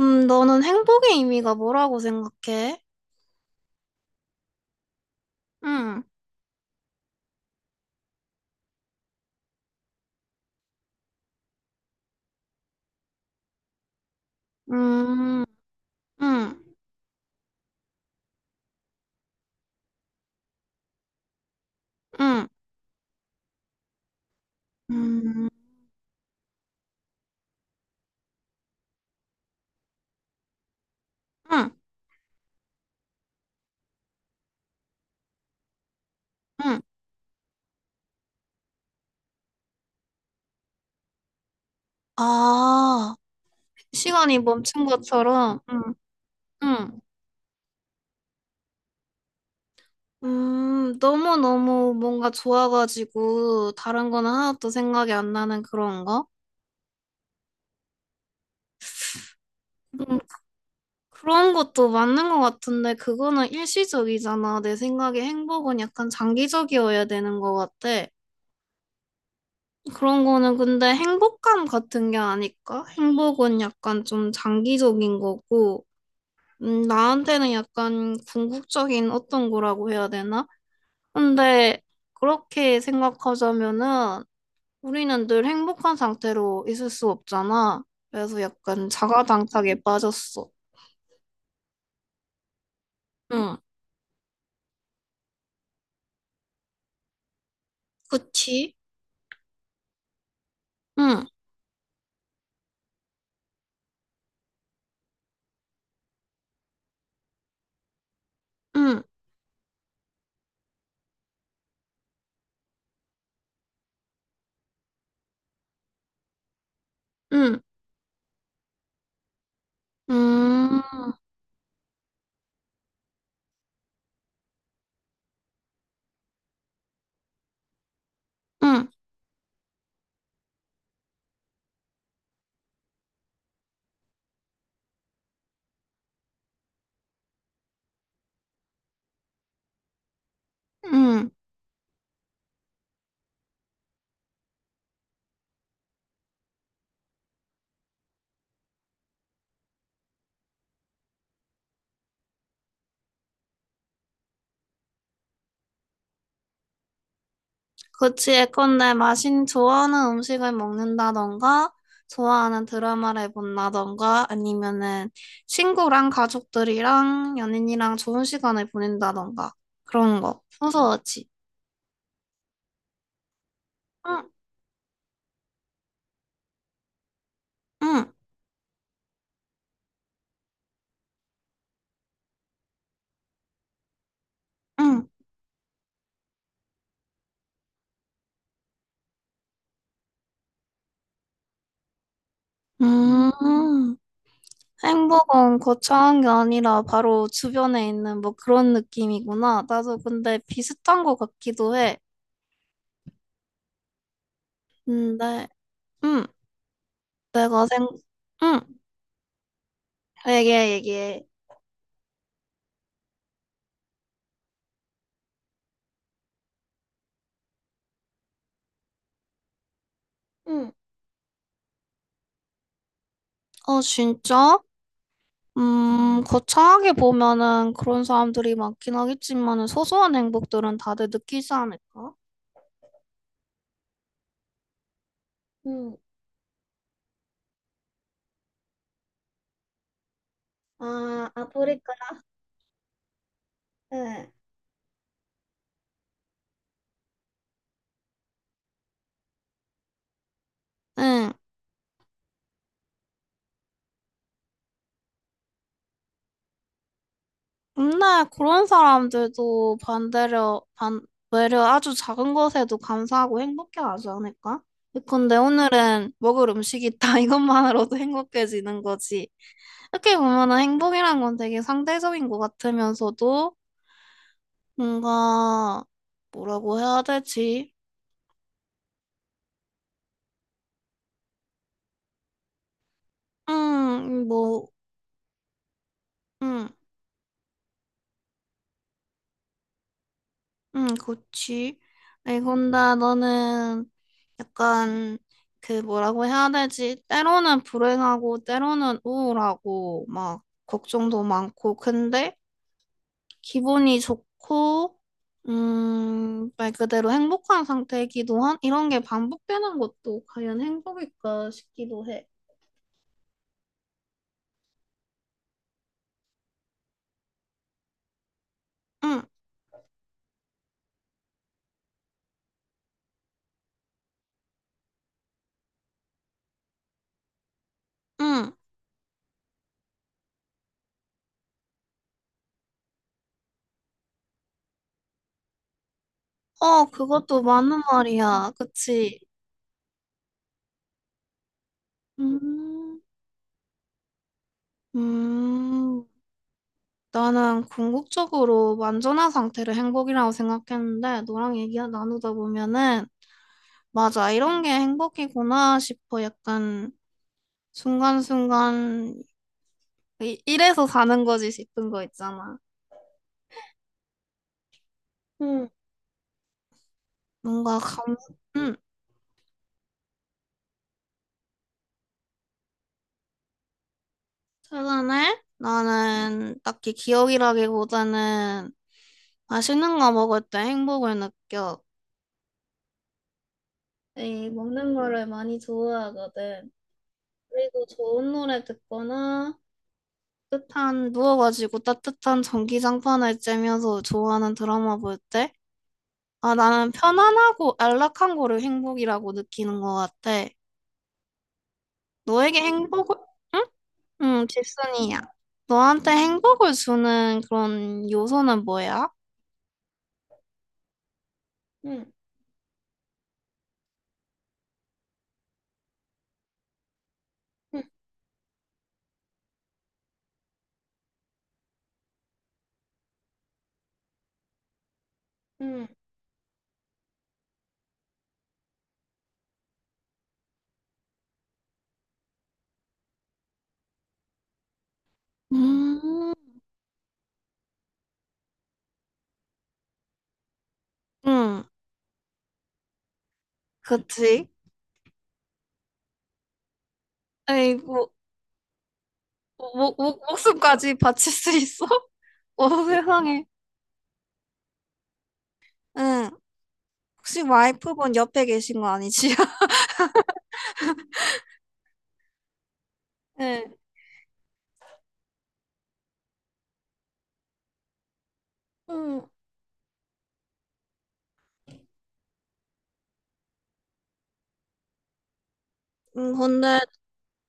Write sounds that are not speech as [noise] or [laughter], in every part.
너는 행복의 의미가 뭐라고 생각해? 응, 음, 응, 응, 응, 응, 응. 아, 시간이 멈춘 것처럼, 응, 응. 너무너무 뭔가 좋아가지고, 다른 거는 하나도 생각이 안 나는 그런 거? 음, 그런 것도 맞는 것 같은데, 그거는 일시적이잖아. 내 생각에 행복은 약간 장기적이어야 되는 것 같아. 그런 거는 근데 행복감 같은 게 아닐까? 행복은 약간 좀 장기적인 거고, 나한테는 약간 궁극적인 어떤 거라고 해야 되나? 근데 그렇게 생각하자면은 우리는 늘 행복한 상태로 있을 수 없잖아. 그래서 약간 자가당착에 빠졌어. 응, 그치? 응, 응, 응, 응 응, 응. 그치, 예컨대 마신 좋아하는 음식을 먹는다던가, 좋아하는 드라마를 본다던가, 아니면은 친구랑 가족들이랑 연인이랑 좋은 시간을 보낸다던가, 그런 거. 소소하지. 응, 응, 응. 음, 행복은 거창한 게 아니라 바로 주변에 있는 뭐 그런 느낌이구나. 나도 근데 비슷한 것 같기도 해. 근데, 응, 내가 생, 응, 얘기해, 얘기해. 응. 어, 진짜? 거창하게 보면은 그런 사람들이 많긴 하겠지만은 소소한 행복들은 다들 느끼지 않을까? 응. 아, 아프리카. 응. 응. 근데 그런 사람들도 반대로, 외려 아주 작은 것에도 감사하고 행복해하지 않을까? 근데 오늘은 먹을 음식이 있다. [laughs] 이것만으로도 행복해지는 거지. 이렇게 보면은 행복이란 건 되게 상대적인 것 같으면서도 뭔가 뭐라고 해야 되지? 응, 뭐, 응, 응, 그치. 아곤다 너는 약간 그 뭐라고 해야 되지? 때로는 불행하고 때로는 우울하고 막 걱정도 많고 근데 기분이 좋고 말 그대로 행복한 상태이기도 한 이런 게 반복되는 것도 과연 행복일까 싶기도 해. 응, 응. 어, 그것도 맞는 말이야. 그치? 음, 음. 나는 궁극적으로 완전한 상태를 행복이라고 생각했는데, 너랑 얘기 나누다 보면은, 맞아, 이런 게 행복이구나 싶어. 약간, 순간순간, 이- 이래서 사는 거지 싶은 거 있잖아. 응, 뭔가 감, 응. 최근에 나는 딱히 기억이라기보다는 맛있는 거 먹을 때 행복을 느껴. 에이, 먹는 거를 많이 좋아하거든. 그리고 좋은 노래 듣거나, 따뜻한 누워가지고 따뜻한 전기장판을 쬐면서 좋아하는 드라마 볼 때, 아 나는 편안하고 안락한 거를 행복이라고 느끼는 것 같아. 너에게 행복을 응? 응, 질문이야. 너한테 행복을 주는 그런 요소는 뭐야? 응, 응, 응. 음, 응, 그치. 아이고, 목, 목, 목숨까지 바칠 수 있어? [laughs] 어, 세상에. 응, 혹시 와이프분 옆에 계신 거 아니지? [laughs] 응. 음, 근데,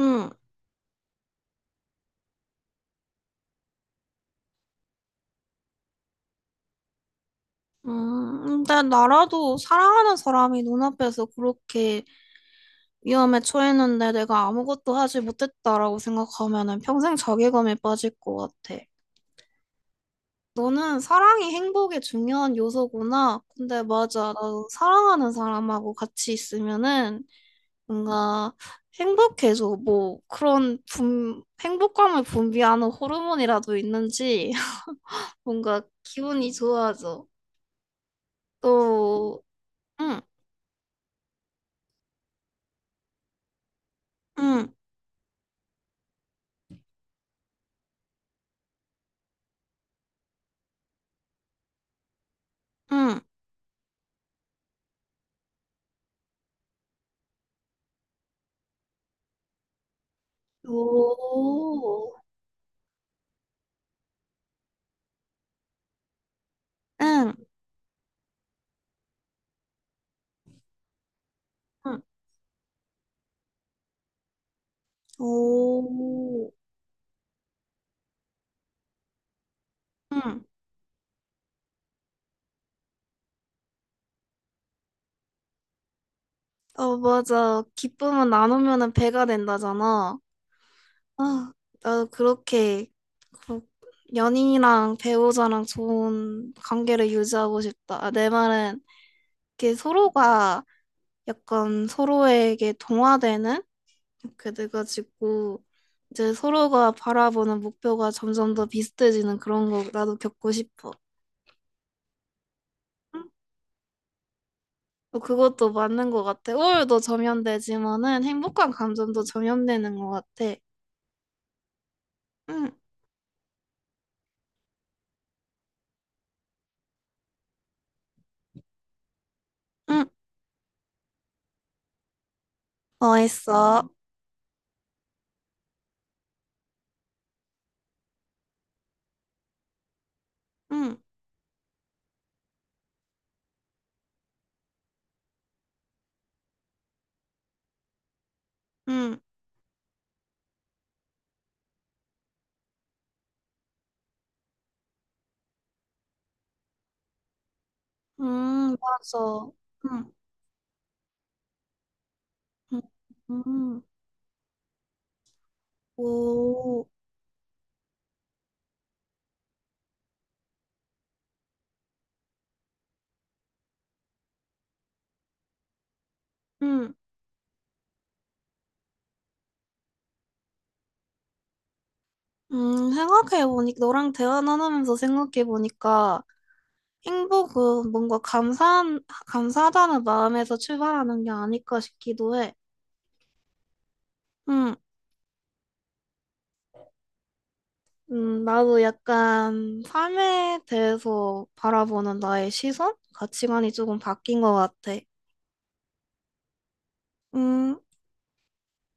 음, 근데 나라도 사랑하는 사람이 눈앞에서 그렇게 위험에 처했는데 내가 아무것도 하지 못했다라고 생각하면은 평생 자괴감에 빠질 것 같아. 너는 사랑이 행복의 중요한 요소구나. 근데 맞아. 나도 사랑하는 사람하고 같이 있으면은 뭔가 행복해져. 뭐 행복감을 분비하는 호르몬이라도 있는지 [laughs] 뭔가 기분이 좋아져. 또, 응. 응. 응, 오, 응, 응, 오. 응. 어, 맞아. 기쁨은 나누면은 배가 된다잖아. 아, 나도 그렇게 그 연인이랑 배우자랑 좋은 관계를 유지하고 싶다. 아, 내 말은 이렇게 서로가 약간 서로에게 동화되는 이렇게 돼가지고 이제 서로가 바라보는 목표가 점점 더 비슷해지는 그런 거 나도 겪고 싶어. 어, 그것도 맞는 것 같아. 우울도 점연되지만은 행복한 감정도 점연되는 것 같아. 응, 응, 어 했어. 응, 응, 응, 맞아. 응, 응, 응, 오, 응, 응, 생각해보니, 너랑 대화 나누면서 생각해보니까 행복은 뭔가 감사한, 감사하다는 마음에서 출발하는 게 아닐까 싶기도 해. 응. 나도 약간 삶에 대해서 바라보는 나의 시선? 가치관이 조금 바뀐 것 같아. 음,